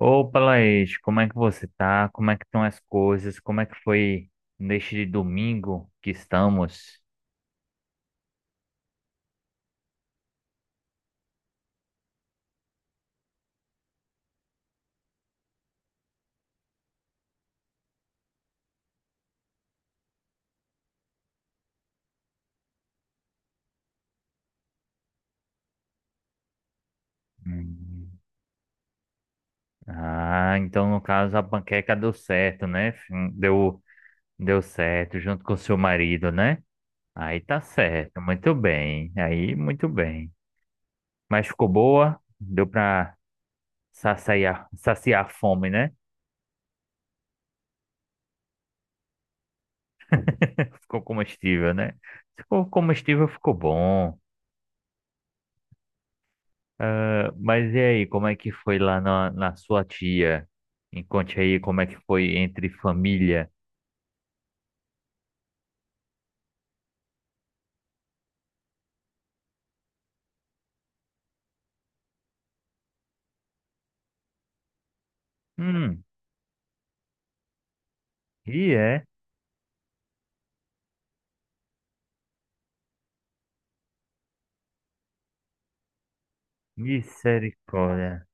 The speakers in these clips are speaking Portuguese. Opa, Laís, como é que você tá? Como é que estão as coisas? Como é que foi neste domingo que estamos? Hum. Ah, então no caso a panqueca deu certo, né? Fim, deu certo junto com o seu marido, né? Aí tá certo, muito bem. Aí muito bem. Mas ficou boa? Deu pra saciar a fome, né? Ficou comestível, né? Ficou comestível, ficou bom. Ah, mas e aí, como é que foi lá na sua tia? Me conte aí como é que foi entre família. Hum, e é, misericórdia.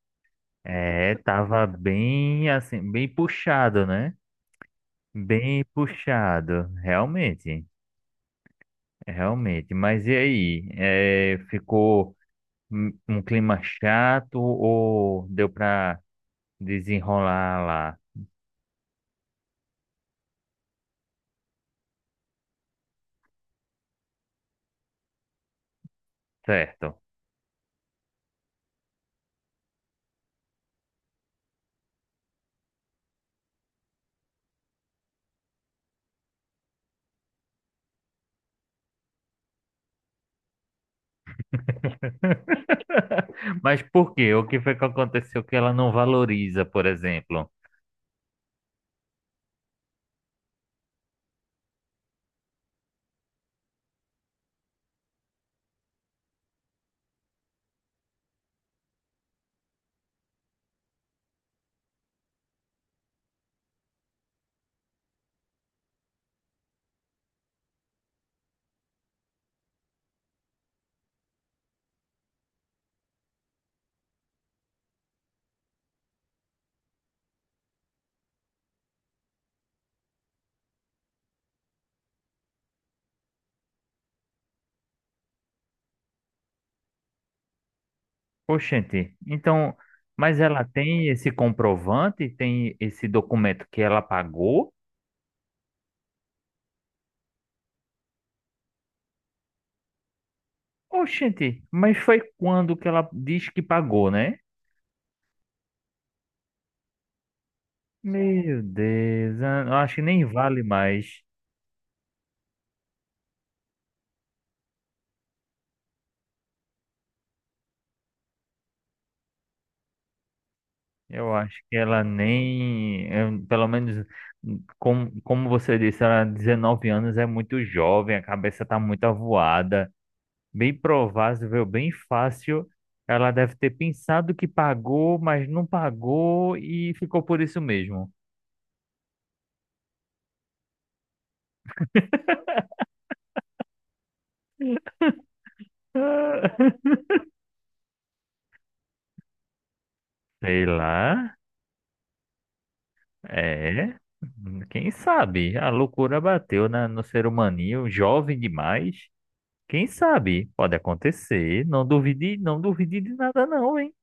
É, tava bem assim, bem puxado, né? Bem puxado, realmente. Mas e aí, é, ficou um clima chato ou deu pra desenrolar lá? Certo. Mas por quê? O que foi que aconteceu que ela não valoriza, por exemplo? Oxente, então, mas ela tem esse comprovante, tem esse documento que ela pagou? Oxente, mas foi quando que ela diz que pagou, né? Meu Deus, eu acho que nem vale mais. Eu acho que ela nem, pelo menos, como você disse, ela 19 anos é muito jovem, a cabeça tá muito avoada. Bem provável, bem fácil. Ela deve ter pensado que pagou, mas não pagou e ficou por isso mesmo. Sei lá. É. Quem sabe? A loucura bateu na, no ser humaninho, jovem demais. Quem sabe? Pode acontecer. Não duvide, não duvide de nada, não, hein?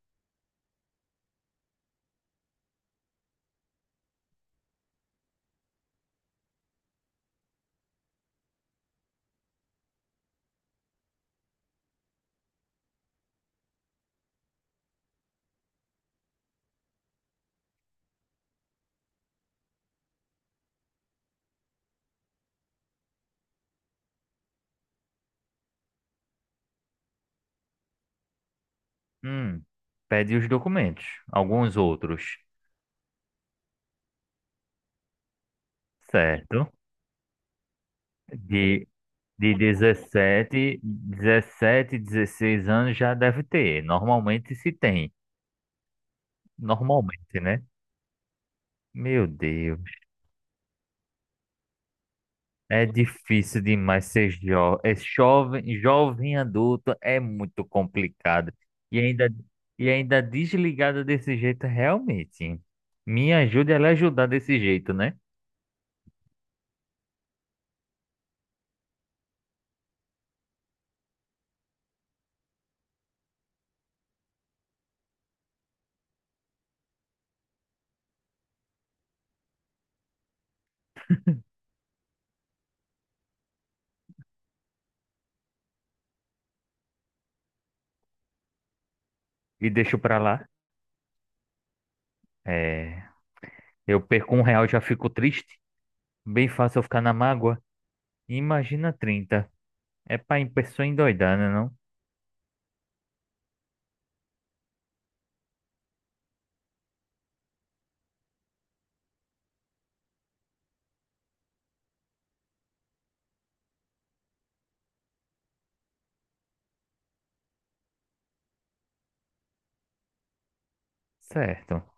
Hum. Pede os documentos, alguns outros. Certo? De 17, 16 anos já deve ter. Normalmente se tem. Normalmente, né? Meu Deus. É difícil demais ser jo é jovem. Jovem adulto é muito complicado. E ainda, e ainda desligado desse jeito, realmente. Me ajude a lhe ajudar desse jeito, né? E deixo pra lá. É, eu perco um real, já fico triste. Bem fácil eu ficar na mágoa. Imagina 30, é pra pessoa endoidar, né? Certo.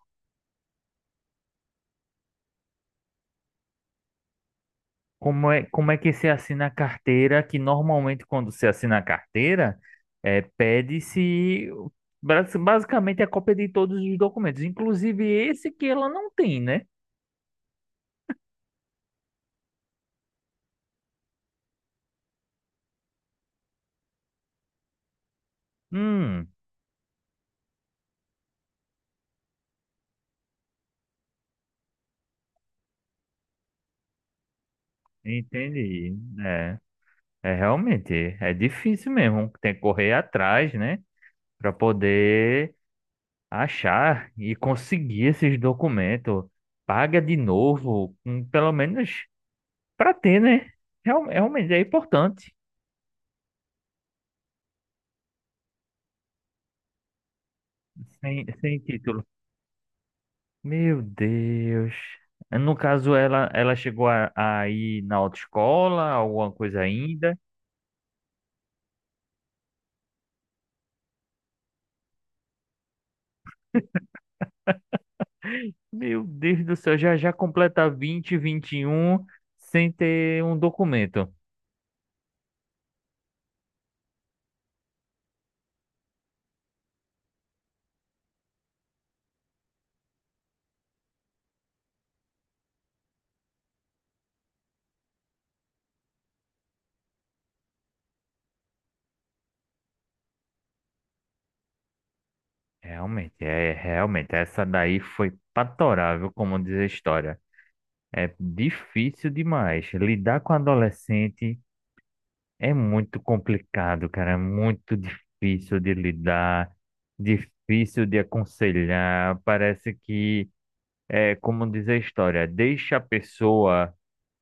Como é que se assina a carteira? Que normalmente quando se assina a carteira, é, pede-se basicamente a cópia de todos os documentos, inclusive esse que ela não tem, né? Hum, entendi. É, é realmente, é difícil mesmo. Tem que correr atrás, né? Para poder achar e conseguir esses documentos. Paga de novo, pelo menos para ter, né? Realmente é importante. Sem, sem título. Meu Deus. No caso, ela chegou a ir na autoescola, alguma coisa ainda. Meu Deus do céu, já já completa 20, 21 sem ter um documento. Realmente, é, realmente, essa daí foi patorável, como diz a história. É difícil demais lidar com adolescente. É muito complicado, cara. É muito difícil de lidar, difícil de aconselhar. Parece que, é como diz a história, deixa a pessoa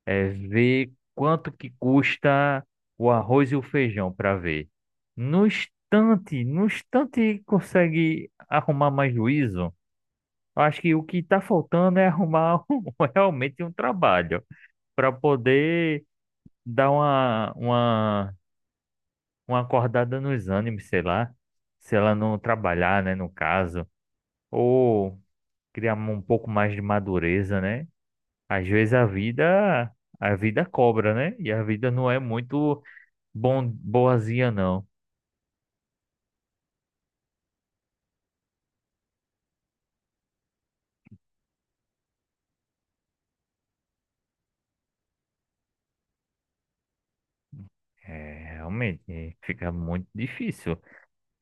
é, ver quanto que custa o arroz e o feijão para ver. No instante, no instante consegue arrumar mais juízo. Eu acho que o que está faltando é arrumar um- realmente um trabalho para poder dar uma acordada nos ânimos, sei lá, se ela não trabalhar, né, no caso, ou criar um pouco mais de madureza, né? Às vezes a vida cobra, né? E a vida não é muito bom, boazinha, não. É, realmente, fica muito difícil.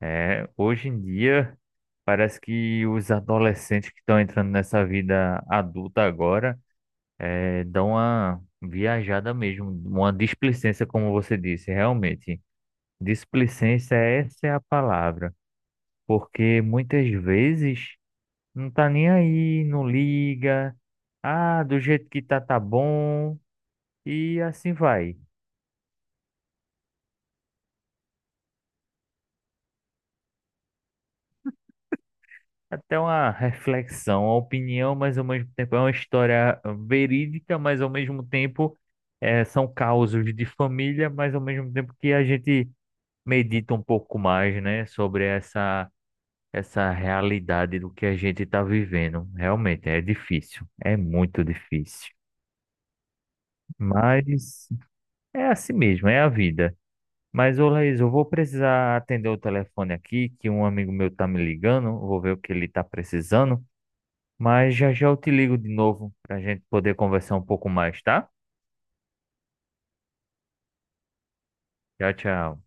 É, hoje em dia, parece que os adolescentes que estão entrando nessa vida adulta agora, é, dão uma viajada mesmo, uma displicência, como você disse, realmente. Displicência, essa é a palavra, porque muitas vezes não tá nem aí, não liga, ah, do jeito que tá, tá bom, e assim vai. Até uma reflexão, uma opinião, mas ao mesmo tempo é uma história verídica, mas ao mesmo tempo eh, são causos de família, mas ao mesmo tempo que a gente medita um pouco mais, né, sobre essa. Essa realidade do que a gente está vivendo. Realmente é difícil, é muito difícil. Mas é assim mesmo, é a vida. Mas, ô Laís, eu vou precisar atender o telefone aqui, que um amigo meu tá me ligando, vou ver o que ele tá precisando. Mas já já eu te ligo de novo para a gente poder conversar um pouco mais, tá? Tchau, tchau.